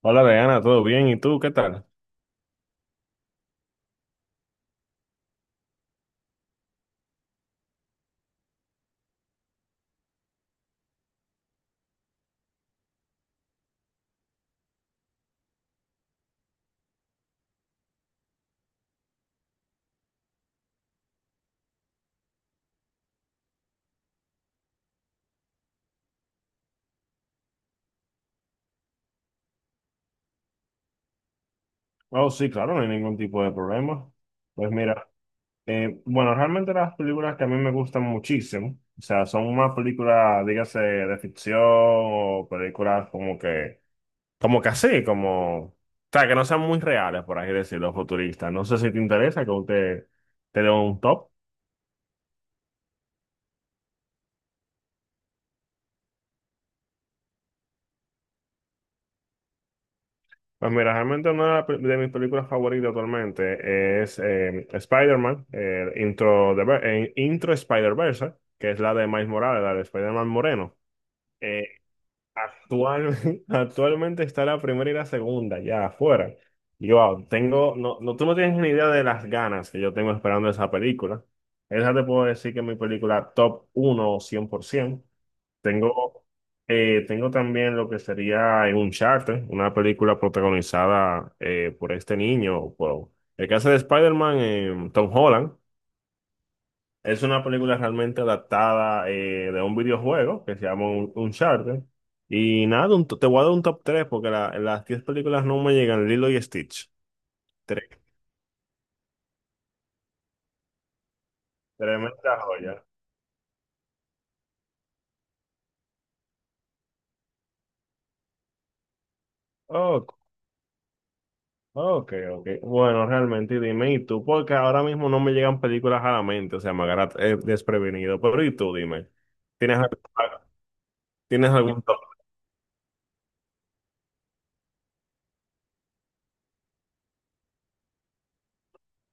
Hola, Diana, ¿todo bien? ¿Y tú qué tal? Oh, sí, claro, no hay ningún tipo de problema. Pues mira, bueno, realmente las películas que a mí me gustan muchísimo, o sea, son más películas, dígase, de ficción o películas como que así, como, o sea, que no sean muy reales, por así decirlo, futuristas. No sé si te interesa que te dé un top. Pues mira, realmente una de mis películas favoritas actualmente es Spider-Man, Intro Spider-Verse, que es la de Miles Morales, la de Spider-Man Moreno. Eh, actual, actualmente está la primera y la segunda ya afuera. Y wow, no, no, tú no tienes ni idea de las ganas que yo tengo esperando esa película. Esa te puedo decir que es mi película top uno cien por 100%. Tengo, Tengo también lo que sería un charter una película protagonizada por este niño, por el que hace de Spider-Man, Tom Holland. Es una película realmente adaptada de un videojuego que se llama Uncharted. Y nada, te voy a dar un top 3 porque las 10 películas no me llegan, Lilo y Stitch. Tres, tremenda joya. Ok, ok. Bueno, realmente dime, ¿y tú? Porque ahora mismo no me llegan películas a la mente, o sea, me agarra desprevenido. Pero ¿y tú? Dime, ¿tienes, al- ¿tienes algún top?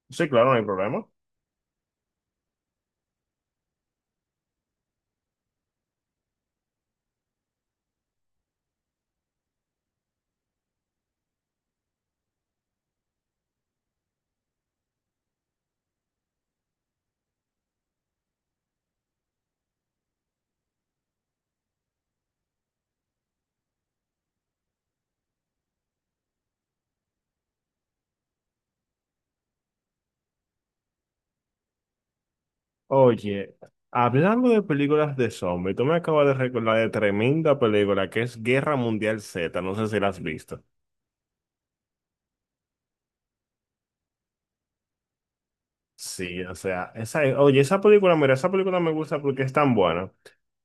Sí, claro, no hay problema. Oye, hablando de películas de zombies, tú me acabas de recordar de tremenda película que es Guerra Mundial Z, no sé si la has visto. Sí, o sea, esa, oye, esa película, mira, esa película me gusta porque es tan buena.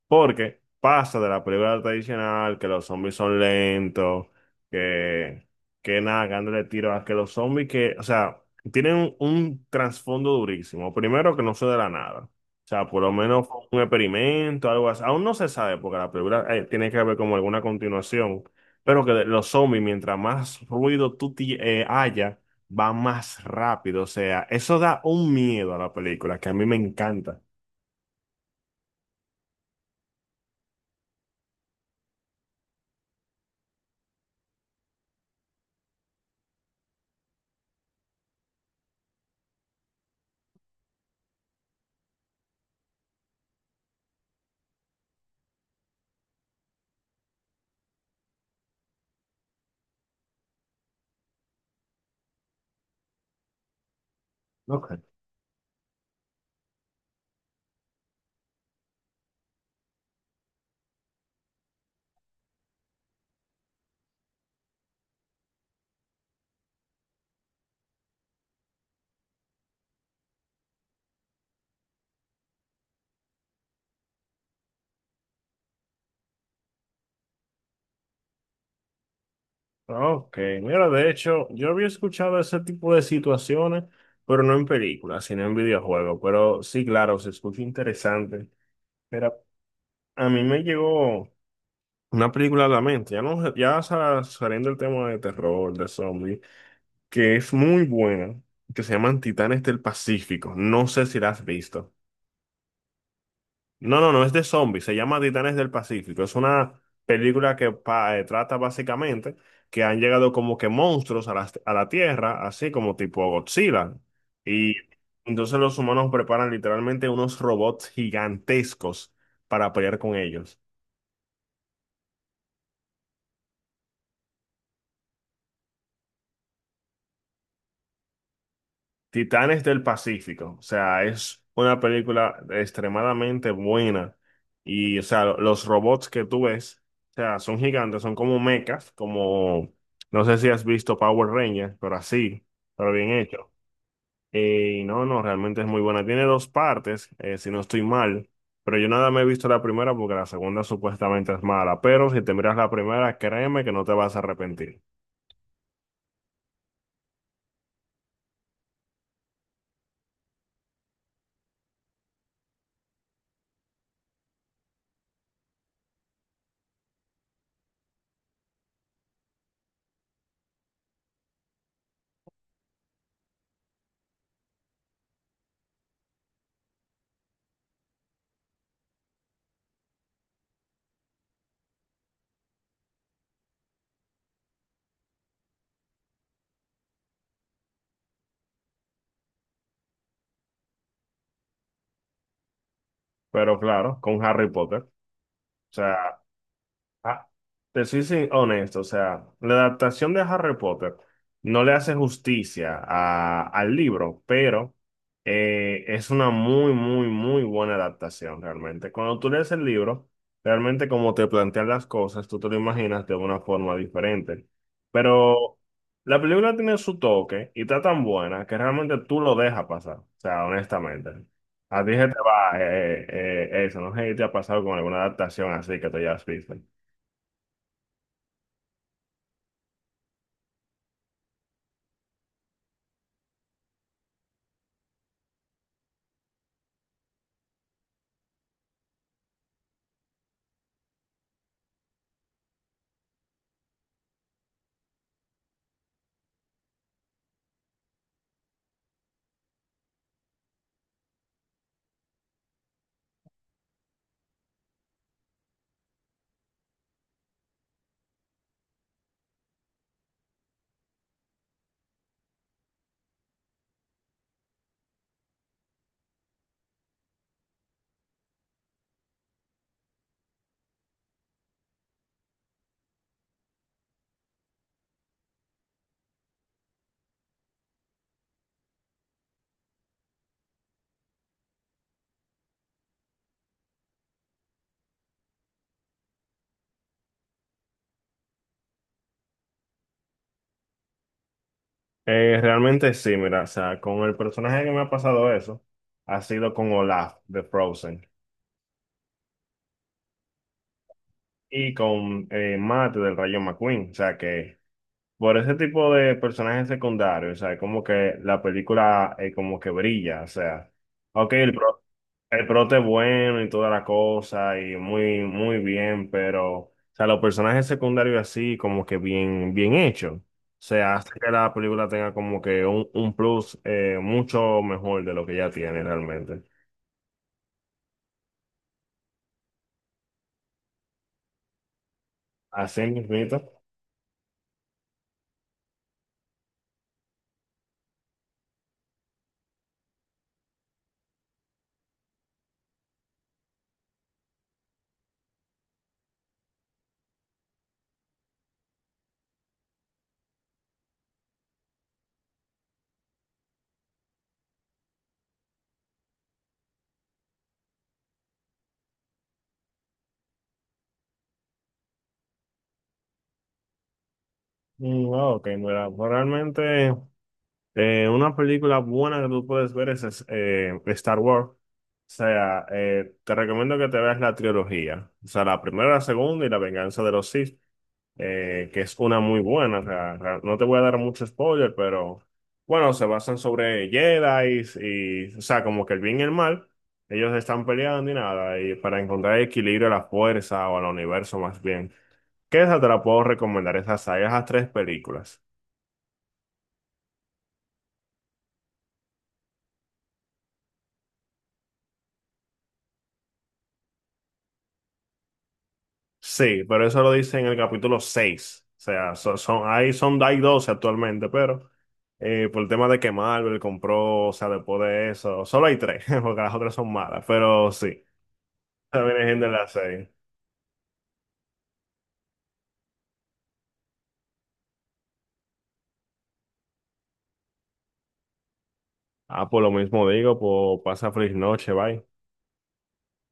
Porque pasa de la película tradicional, que los zombies son lentos, que, que nada, dándole tiro a que los zombies que, o sea, tienen un trasfondo durísimo. Primero que no se de la nada. O sea, por lo menos fue un experimento, algo así. Aún no se sabe, porque la película tiene que haber como alguna continuación. Pero los zombies, mientras más ruido haya, va más rápido, o sea, eso da un miedo a la película que a mí me encanta. Ok. Ok, mira, de hecho, yo había escuchado ese tipo de situaciones, pero no en películas, sino en videojuegos. Pero sí, claro, se escucha interesante. Pero a mí me llegó una película a la mente, ya no, saliendo del tema de terror, de zombies, que es muy buena, que se llaman Titanes del Pacífico. No sé si la has visto. No, no, no es de zombies, se llama Titanes del Pacífico. Es una película trata básicamente que han llegado como que monstruos a a la Tierra, así como tipo Godzilla. Y entonces los humanos preparan literalmente unos robots gigantescos para pelear con ellos. Titanes del Pacífico, o sea, es una película extremadamente buena y, o sea, los robots que tú ves, o sea, son gigantes, son como mechas, como, no sé si has visto Power Rangers, pero así, pero bien hecho. Y no, no, realmente es muy buena. Tiene dos partes, si no estoy mal, pero yo nada me he visto la primera porque la segunda supuestamente es mala, pero si te miras la primera, créeme que no te vas a arrepentir. Pero claro, con Harry Potter. O sea, Ah, te soy honesto, o sea, la adaptación de Harry Potter no le hace justicia al libro, pero es una muy, muy, muy buena adaptación realmente. Cuando tú lees el libro, realmente como te plantean las cosas, tú te lo imaginas de una forma diferente. Pero la película tiene su toque y está tan buena que realmente tú lo dejas pasar, o sea, honestamente. A ti se te va eso, no sé si te ha pasado con alguna adaptación así que tú ya has visto. Realmente sí, mira, o sea, con el personaje que me ha pasado eso, ha sido con Olaf de Frozen y con Matt del Rayo McQueen, o sea que por ese tipo de personajes secundarios, o sea, como que la película como que brilla, o sea, ok, el prota es bueno y toda la cosa, y muy, muy bien, pero, o sea, los personajes secundarios así, como que bien, bien hechos. O sea, hace que la película tenga como que un plus mucho mejor de lo que ya tiene realmente. Así mismito. Mm, wow, ok, mira, pues realmente una película buena que tú puedes ver Star Wars. O sea, te recomiendo que te veas la trilogía. O sea, la primera, la segunda y la venganza de los Sith. Eh, que es una muy buena. O sea, no te voy a dar mucho spoiler, pero bueno, se basan sobre Jedi y, o sea, como que el bien y el mal, ellos están peleando y nada, y para encontrar el equilibrio a la fuerza o al universo más bien. ¿Qué esa te la puedo recomendar? Esas sagas, esas tres películas. Sí, pero eso lo dice en el capítulo seis. O sea, son, ahí son, hay 12 actualmente, pero por el tema de que Marvel compró, o sea, después de eso, solo hay tres, porque las otras son malas, pero sí. También hay gente las seis. Ah, por lo mismo digo, pues pasa feliz noche, bye.